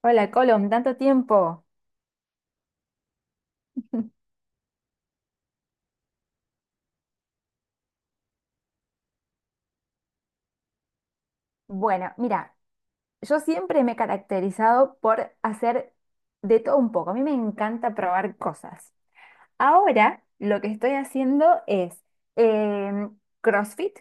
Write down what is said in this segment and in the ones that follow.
Hola, Colom, tanto tiempo. Bueno, mira, yo siempre me he caracterizado por hacer de todo un poco. A mí me encanta probar cosas. Ahora lo que estoy haciendo es eh, CrossFit,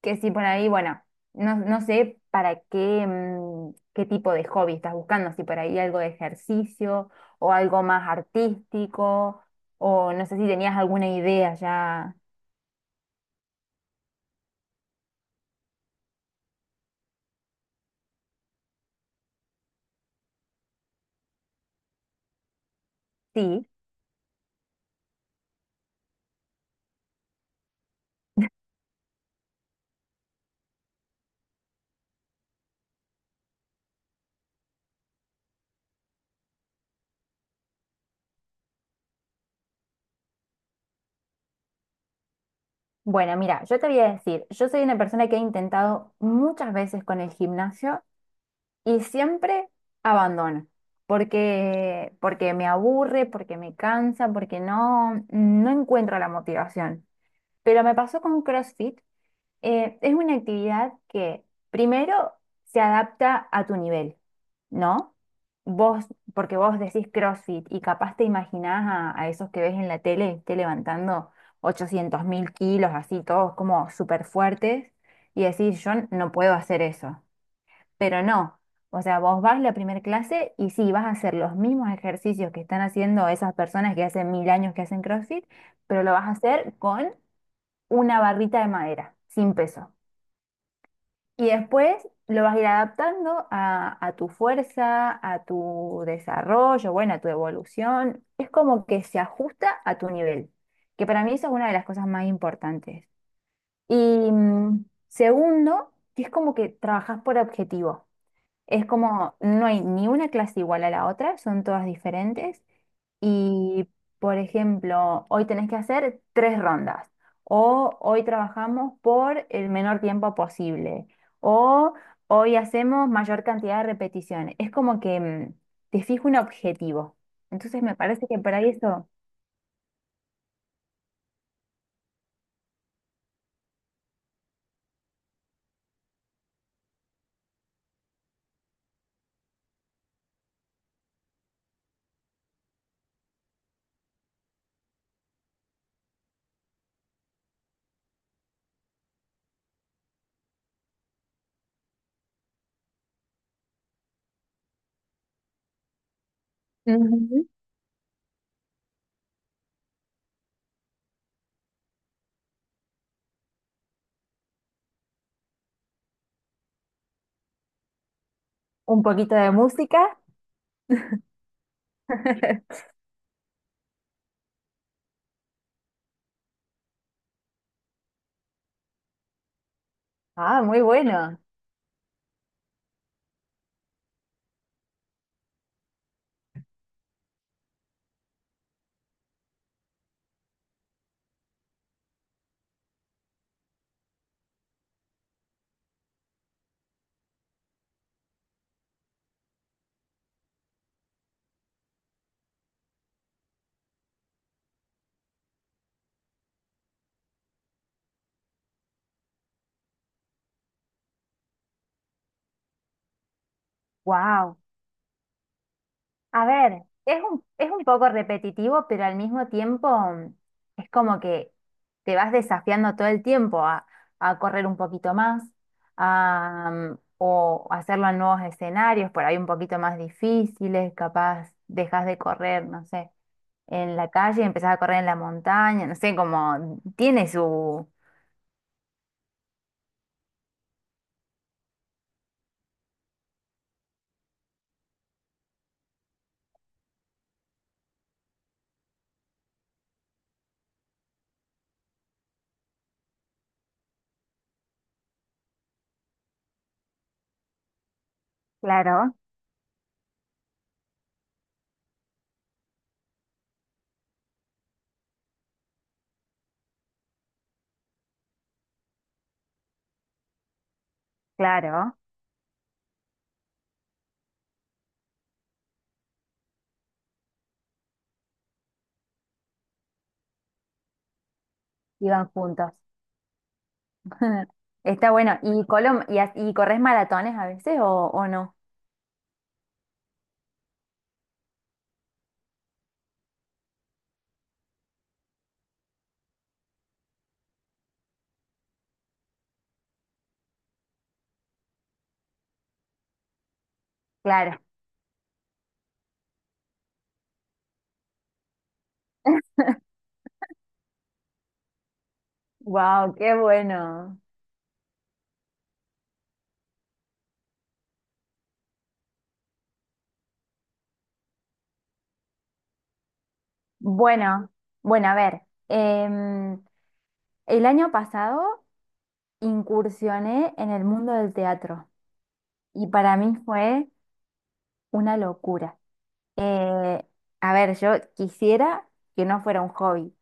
que si por ahí, bueno, no, no sé para qué, qué tipo de hobby estás buscando, si por ahí algo de ejercicio o algo más artístico, o no sé si tenías alguna idea ya. Sí. Bueno, mira, yo te voy a decir, yo soy una persona que he intentado muchas veces con el gimnasio y siempre abandono, porque me aburre, porque me cansa, porque no encuentro la motivación. Pero me pasó con CrossFit. Es una actividad que primero se adapta a tu nivel, ¿no? Vos, porque vos decís CrossFit y capaz te imaginás a esos que ves en la tele, esté levantando 800.000 kilos, así todos como súper fuertes, y decís, yo no puedo hacer eso. Pero no, o sea, vos vas la primera clase y sí, vas a hacer los mismos ejercicios que están haciendo esas personas que hace mil años que hacen CrossFit, pero lo vas a hacer con una barrita de madera, sin peso. Y después lo vas a ir adaptando a tu fuerza, a tu desarrollo, bueno, a tu evolución. Es como que se ajusta a tu nivel, que para mí eso es una de las cosas más importantes. Y mm, segundo, que es como que trabajas por objetivo. Es como no hay ni una clase igual a la otra, son todas diferentes. Y, por ejemplo, hoy tenés que hacer tres rondas. O hoy trabajamos por el menor tiempo posible. O hoy hacemos mayor cantidad de repeticiones. Es como que te fijo un objetivo. Entonces me parece que por ahí eso. Ujú. Un poquito de música. Ah, muy bueno. Wow. A ver, es un poco repetitivo, pero al mismo tiempo es como que te vas desafiando todo el tiempo a correr un poquito más, o hacerlo en nuevos escenarios, por ahí un poquito más difíciles, capaz dejas de correr, no sé, en la calle, y empezás a correr en la montaña, no sé, como tiene su... Claro, claro. Iban juntos. Está bueno. ¿Y, Colom, y corres maratones a veces o no? Claro. Wow, qué bueno. Bueno, bueno, a ver, em, el año pasado incursioné en el mundo del teatro y para mí fue una locura. Eh, a ver, yo quisiera que no fuera un hobby.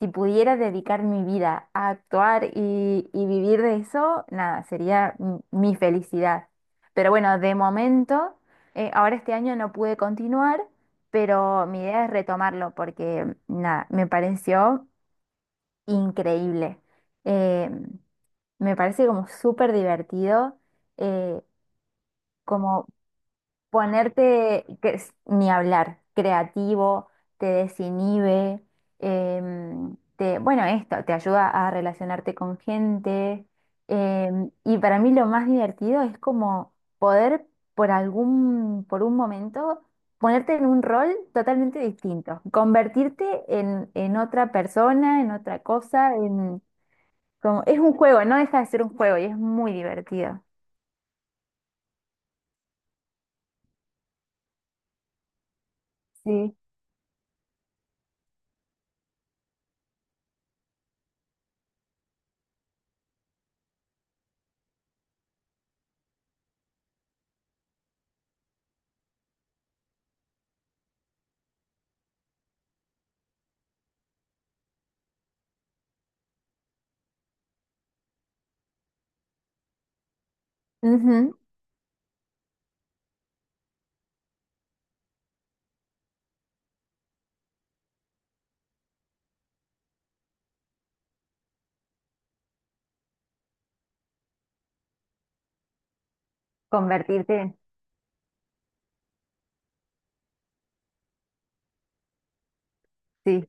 Si pudiera dedicar mi vida a actuar y vivir de eso, nada, sería mi felicidad. Pero bueno, de momento, ahora este año no pude continuar, pero mi idea es retomarlo porque, nada, me pareció increíble. Eh, Me parece como súper divertido, eh, como ponerte, que, ni hablar, creativo, te desinhibe, te, bueno, esto, te ayuda a relacionarte con gente. Y para mí lo más divertido es como poder por algún, por un momento, ponerte en un rol totalmente distinto, convertirte en otra persona, en otra cosa, en, como, es un juego, no deja de ser un juego y es muy divertido. Sí. Ujú, convertirte, sí.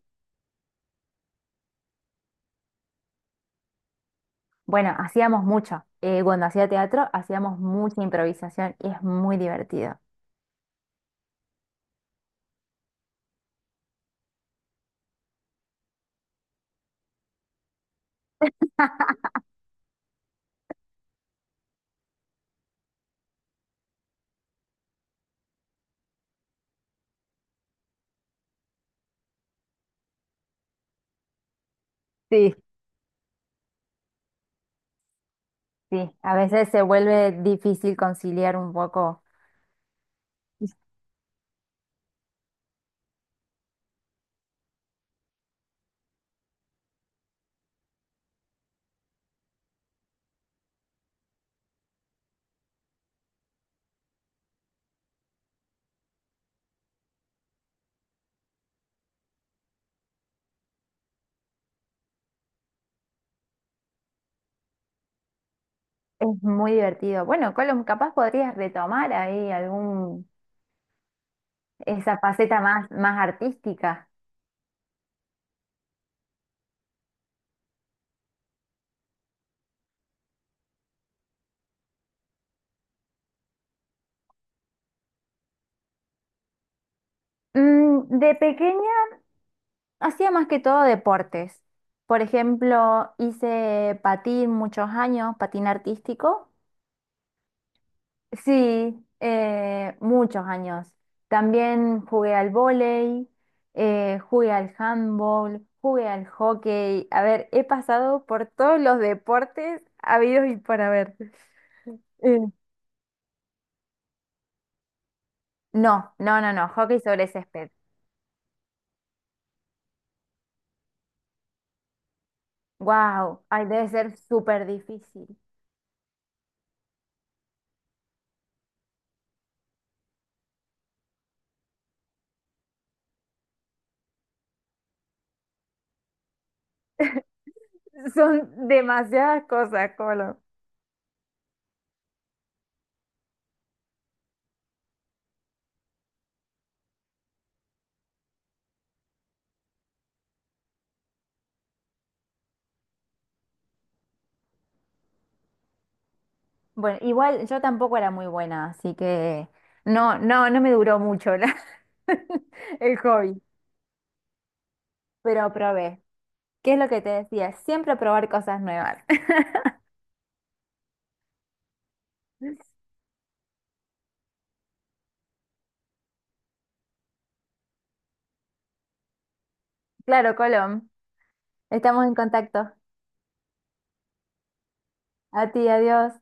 Bueno, hacíamos mucho. Cuando hacía teatro, hacíamos mucha improvisación y es muy divertido. Sí, sí, a veces se vuelve difícil conciliar un poco. Es muy divertido. Bueno, Colum, capaz podrías retomar ahí algún, esa faceta más, más artística. Mm, de pequeña hacía más que todo deportes. Por ejemplo, hice patín muchos años, patín artístico. Sí, muchos años. También jugué al vóley, jugué al handball, jugué al hockey. A ver, he pasado por todos los deportes habidos y por haber. Eh, No, no, no, no, hockey sobre césped. Wow, ay, debe ser súper difícil. Son demasiadas cosas, Colo. Bueno, igual yo tampoco era muy buena, así que no, no, no me duró mucho la- el hobby, pero probé. ¿Qué es lo que te decía? Siempre probar cosas nuevas. Claro, Colom. Estamos en contacto. A ti, adiós.